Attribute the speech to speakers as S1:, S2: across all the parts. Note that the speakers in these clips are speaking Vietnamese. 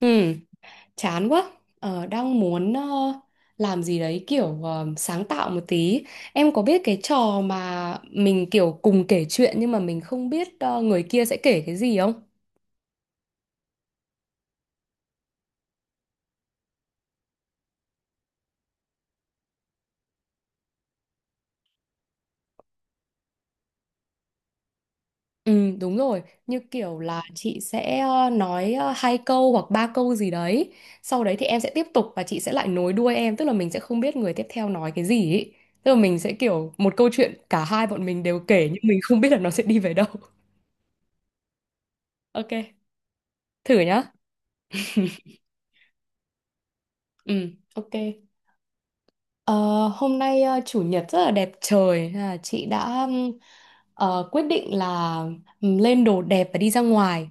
S1: Ừ, chán quá. Đang muốn làm gì đấy kiểu sáng tạo một tí. Em có biết cái trò mà mình kiểu cùng kể chuyện nhưng mà mình không biết người kia sẽ kể cái gì không? Ừ, đúng rồi. Như kiểu là chị sẽ nói hai câu hoặc ba câu gì đấy. Sau đấy thì em sẽ tiếp tục và chị sẽ lại nối đuôi em. Tức là mình sẽ không biết người tiếp theo nói cái gì ấy. Tức là mình sẽ kiểu một câu chuyện cả hai bọn mình đều kể nhưng mình không biết là nó sẽ đi về đâu. Ok, thử nhá. Ừ, ok. Ờ, hôm nay chủ nhật rất là đẹp trời. Thế là chị đã quyết định là lên đồ đẹp và đi ra ngoài.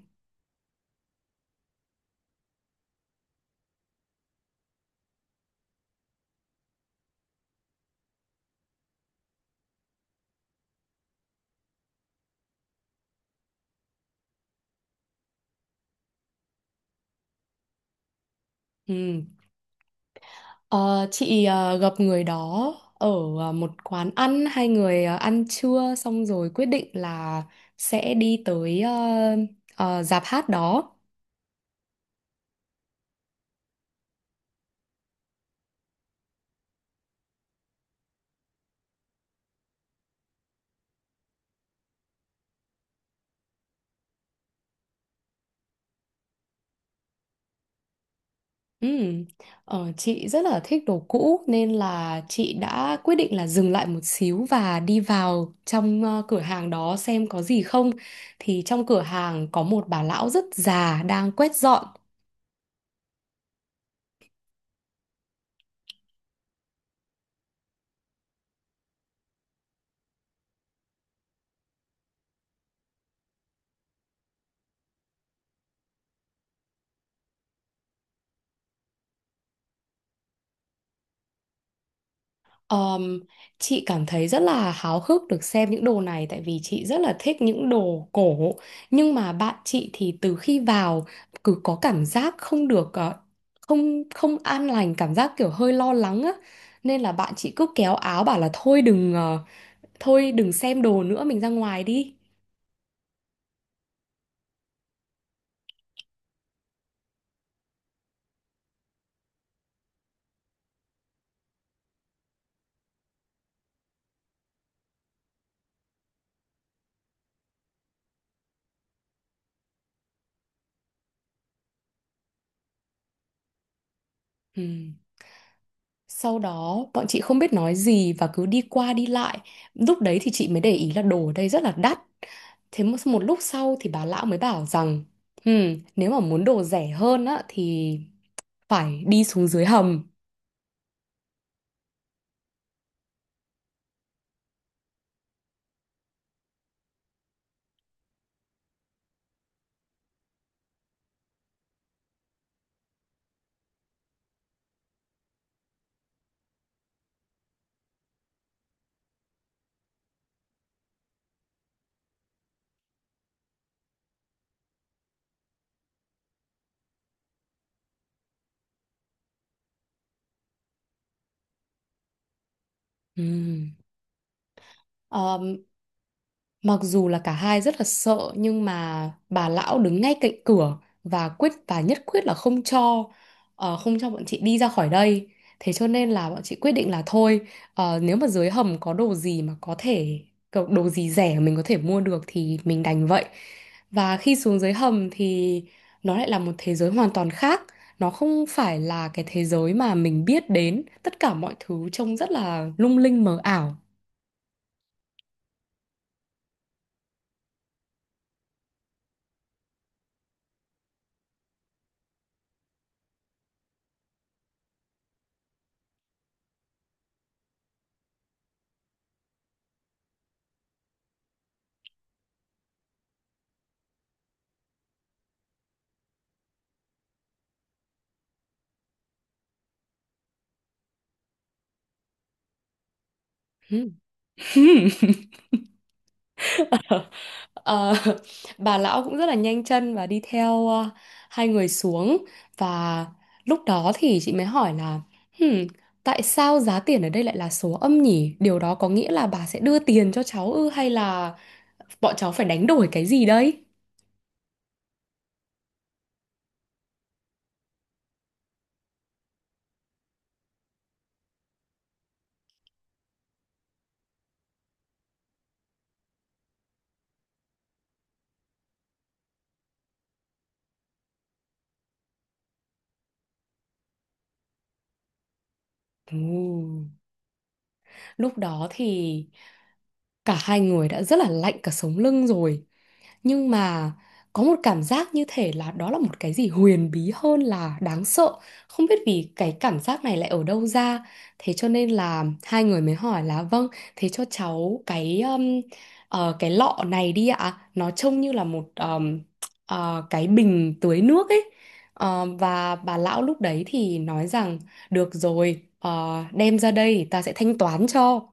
S1: Ừm. Ờ, chị gặp người đó ở một quán ăn, hai người ăn trưa xong rồi quyết định là sẽ đi tới dạp hát đó. Ừm. Chị rất là thích đồ cũ nên là chị đã quyết định là dừng lại một xíu và đi vào trong cửa hàng đó xem có gì không. Thì trong cửa hàng có một bà lão rất già đang quét dọn. Ờm, chị cảm thấy rất là háo hức được xem những đồ này tại vì chị rất là thích những đồ cổ, nhưng mà bạn chị thì từ khi vào cứ có cảm giác không được không không an lành, cảm giác kiểu hơi lo lắng á, nên là bạn chị cứ kéo áo bảo là thôi đừng thôi đừng xem đồ nữa mình ra ngoài đi. Ừ. Sau đó bọn chị không biết nói gì và cứ đi qua đi lại. Lúc đấy thì chị mới để ý là đồ ở đây rất là đắt. Thế một lúc sau thì bà lão mới bảo rằng: nếu mà muốn đồ rẻ hơn á thì phải đi xuống dưới hầm." Ừm. Mặc dù là cả hai rất là sợ nhưng mà bà lão đứng ngay cạnh cửa và quyết và nhất quyết là không cho không cho bọn chị đi ra khỏi đây. Thế cho nên là bọn chị quyết định là thôi, nếu mà dưới hầm có đồ gì mà có thể có đồ gì rẻ mình có thể mua được thì mình đành vậy. Và khi xuống dưới hầm thì nó lại là một thế giới hoàn toàn khác. Nó không phải là cái thế giới mà mình biết đến. Tất cả mọi thứ trông rất là lung linh mờ ảo. Ừ. Ờ, bà lão cũng rất là nhanh chân và đi theo hai người xuống, và lúc đó thì chị mới hỏi là: "Hmm, tại sao giá tiền ở đây lại là số âm nhỉ? Điều đó có nghĩa là bà sẽ đưa tiền cho cháu ư hay là bọn cháu phải đánh đổi cái gì đây?" Ồ, lúc đó thì cả hai người đã rất là lạnh cả sống lưng rồi, nhưng mà có một cảm giác như thể là đó là một cái gì huyền bí hơn là đáng sợ, không biết vì cái cảm giác này lại ở đâu ra, thế cho nên là hai người mới hỏi là: "Vâng, thế cho cháu cái cái lọ này đi ạ, nó trông như là một cái bình tưới nước ấy." Và bà lão lúc đấy thì nói rằng được rồi, đem ra đây ta sẽ thanh toán cho.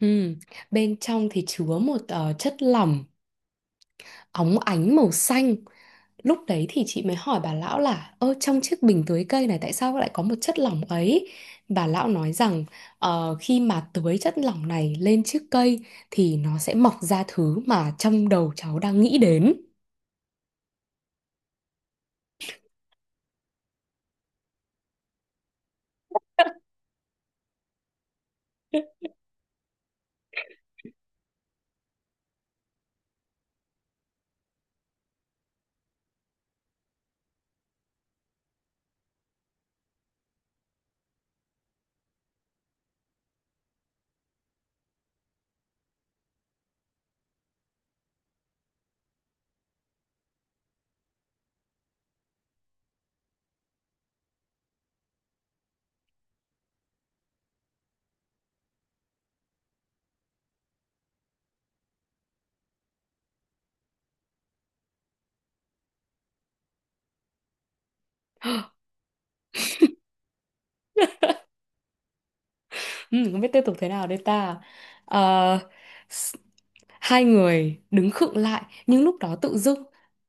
S1: Ừ, bên trong thì chứa một chất lỏng óng ánh màu xanh. Lúc đấy thì chị mới hỏi bà lão là ơ trong chiếc bình tưới cây này tại sao lại có một chất lỏng ấy. Bà lão nói rằng: "Ờ, khi mà tưới chất lỏng này lên chiếc cây thì nó sẽ mọc ra thứ mà trong đầu cháu đang nghĩ đến." Ừ, không biết tiếp tục thế nào đây ta. Ờ, s- hai người đứng khựng lại, nhưng lúc đó tự dưng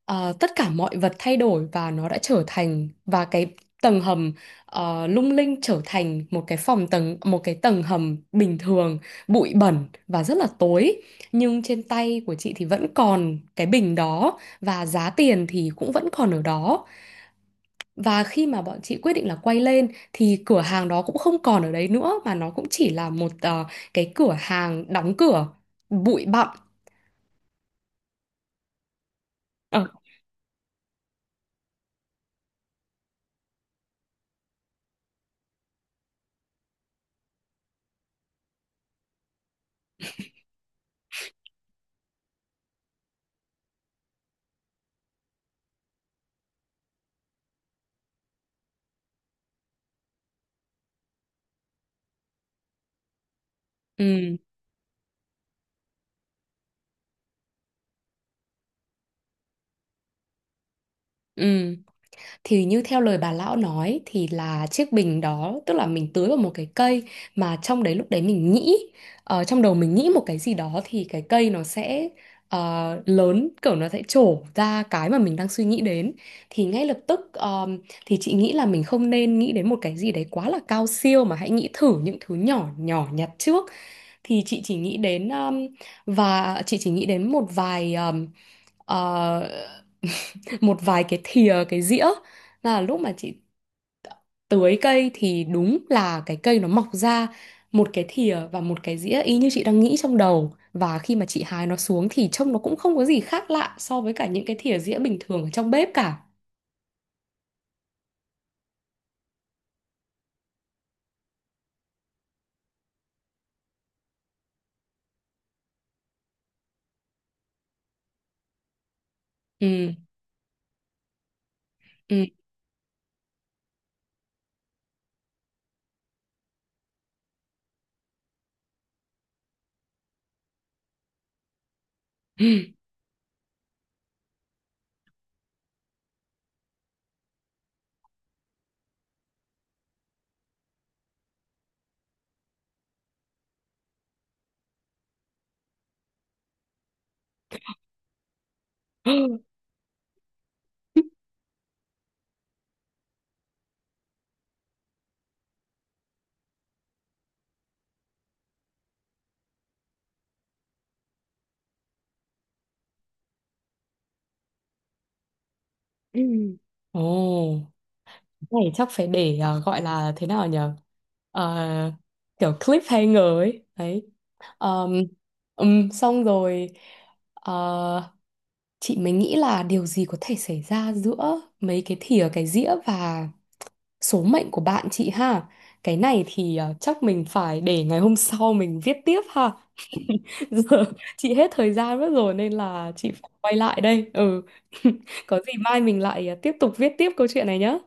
S1: tất cả mọi vật thay đổi và nó đã trở thành và cái tầng hầm lung linh trở thành một cái phòng tầng một cái tầng hầm bình thường, bụi bẩn và rất là tối. Nhưng trên tay của chị thì vẫn còn cái bình đó và giá tiền thì cũng vẫn còn ở đó. Và khi mà bọn chị quyết định là quay lên thì cửa hàng đó cũng không còn ở đấy nữa, mà nó cũng chỉ là một cái cửa hàng đóng cửa bụi bặm. Ờ, ừ, ừ. Thì như theo lời bà lão nói thì là chiếc bình đó tức là mình tưới vào một cái cây mà trong đấy lúc đấy mình nghĩ, trong đầu mình nghĩ một cái gì đó thì cái cây nó sẽ lớn, kiểu nó sẽ trổ ra cái mà mình đang suy nghĩ đến. Thì ngay lập tức thì chị nghĩ là mình không nên nghĩ đến một cái gì đấy quá là cao siêu mà hãy nghĩ thử những thứ nhỏ nhỏ nhặt trước. Thì chị chỉ nghĩ đến và chị chỉ nghĩ đến một vài ờ, một vài cái thìa cái dĩa. Là lúc mà chị tưới cây thì đúng là cái cây nó mọc ra một cái thìa và một cái dĩa y như chị đang nghĩ trong đầu, và khi mà chị hái nó xuống thì trông nó cũng không có gì khác lạ so với cả những cái thìa dĩa bình thường ở trong bếp cả. Ừ, ừ, ừ. Ừ. Ồ, này chắc phải để gọi là thế nào nhở. Ờ, kiểu cliffhanger ấy đấy. Ờm, xong rồi, ờ, chị mới nghĩ là điều gì có thể xảy ra giữa mấy cái thìa cái dĩa và số mệnh của bạn chị ha. Cái này thì chắc mình phải để ngày hôm sau mình viết tiếp ha. Giờ chị hết thời gian mất rồi nên là chị phải quay lại đây. Ừ, có gì mai mình lại tiếp tục viết tiếp câu chuyện này nhá.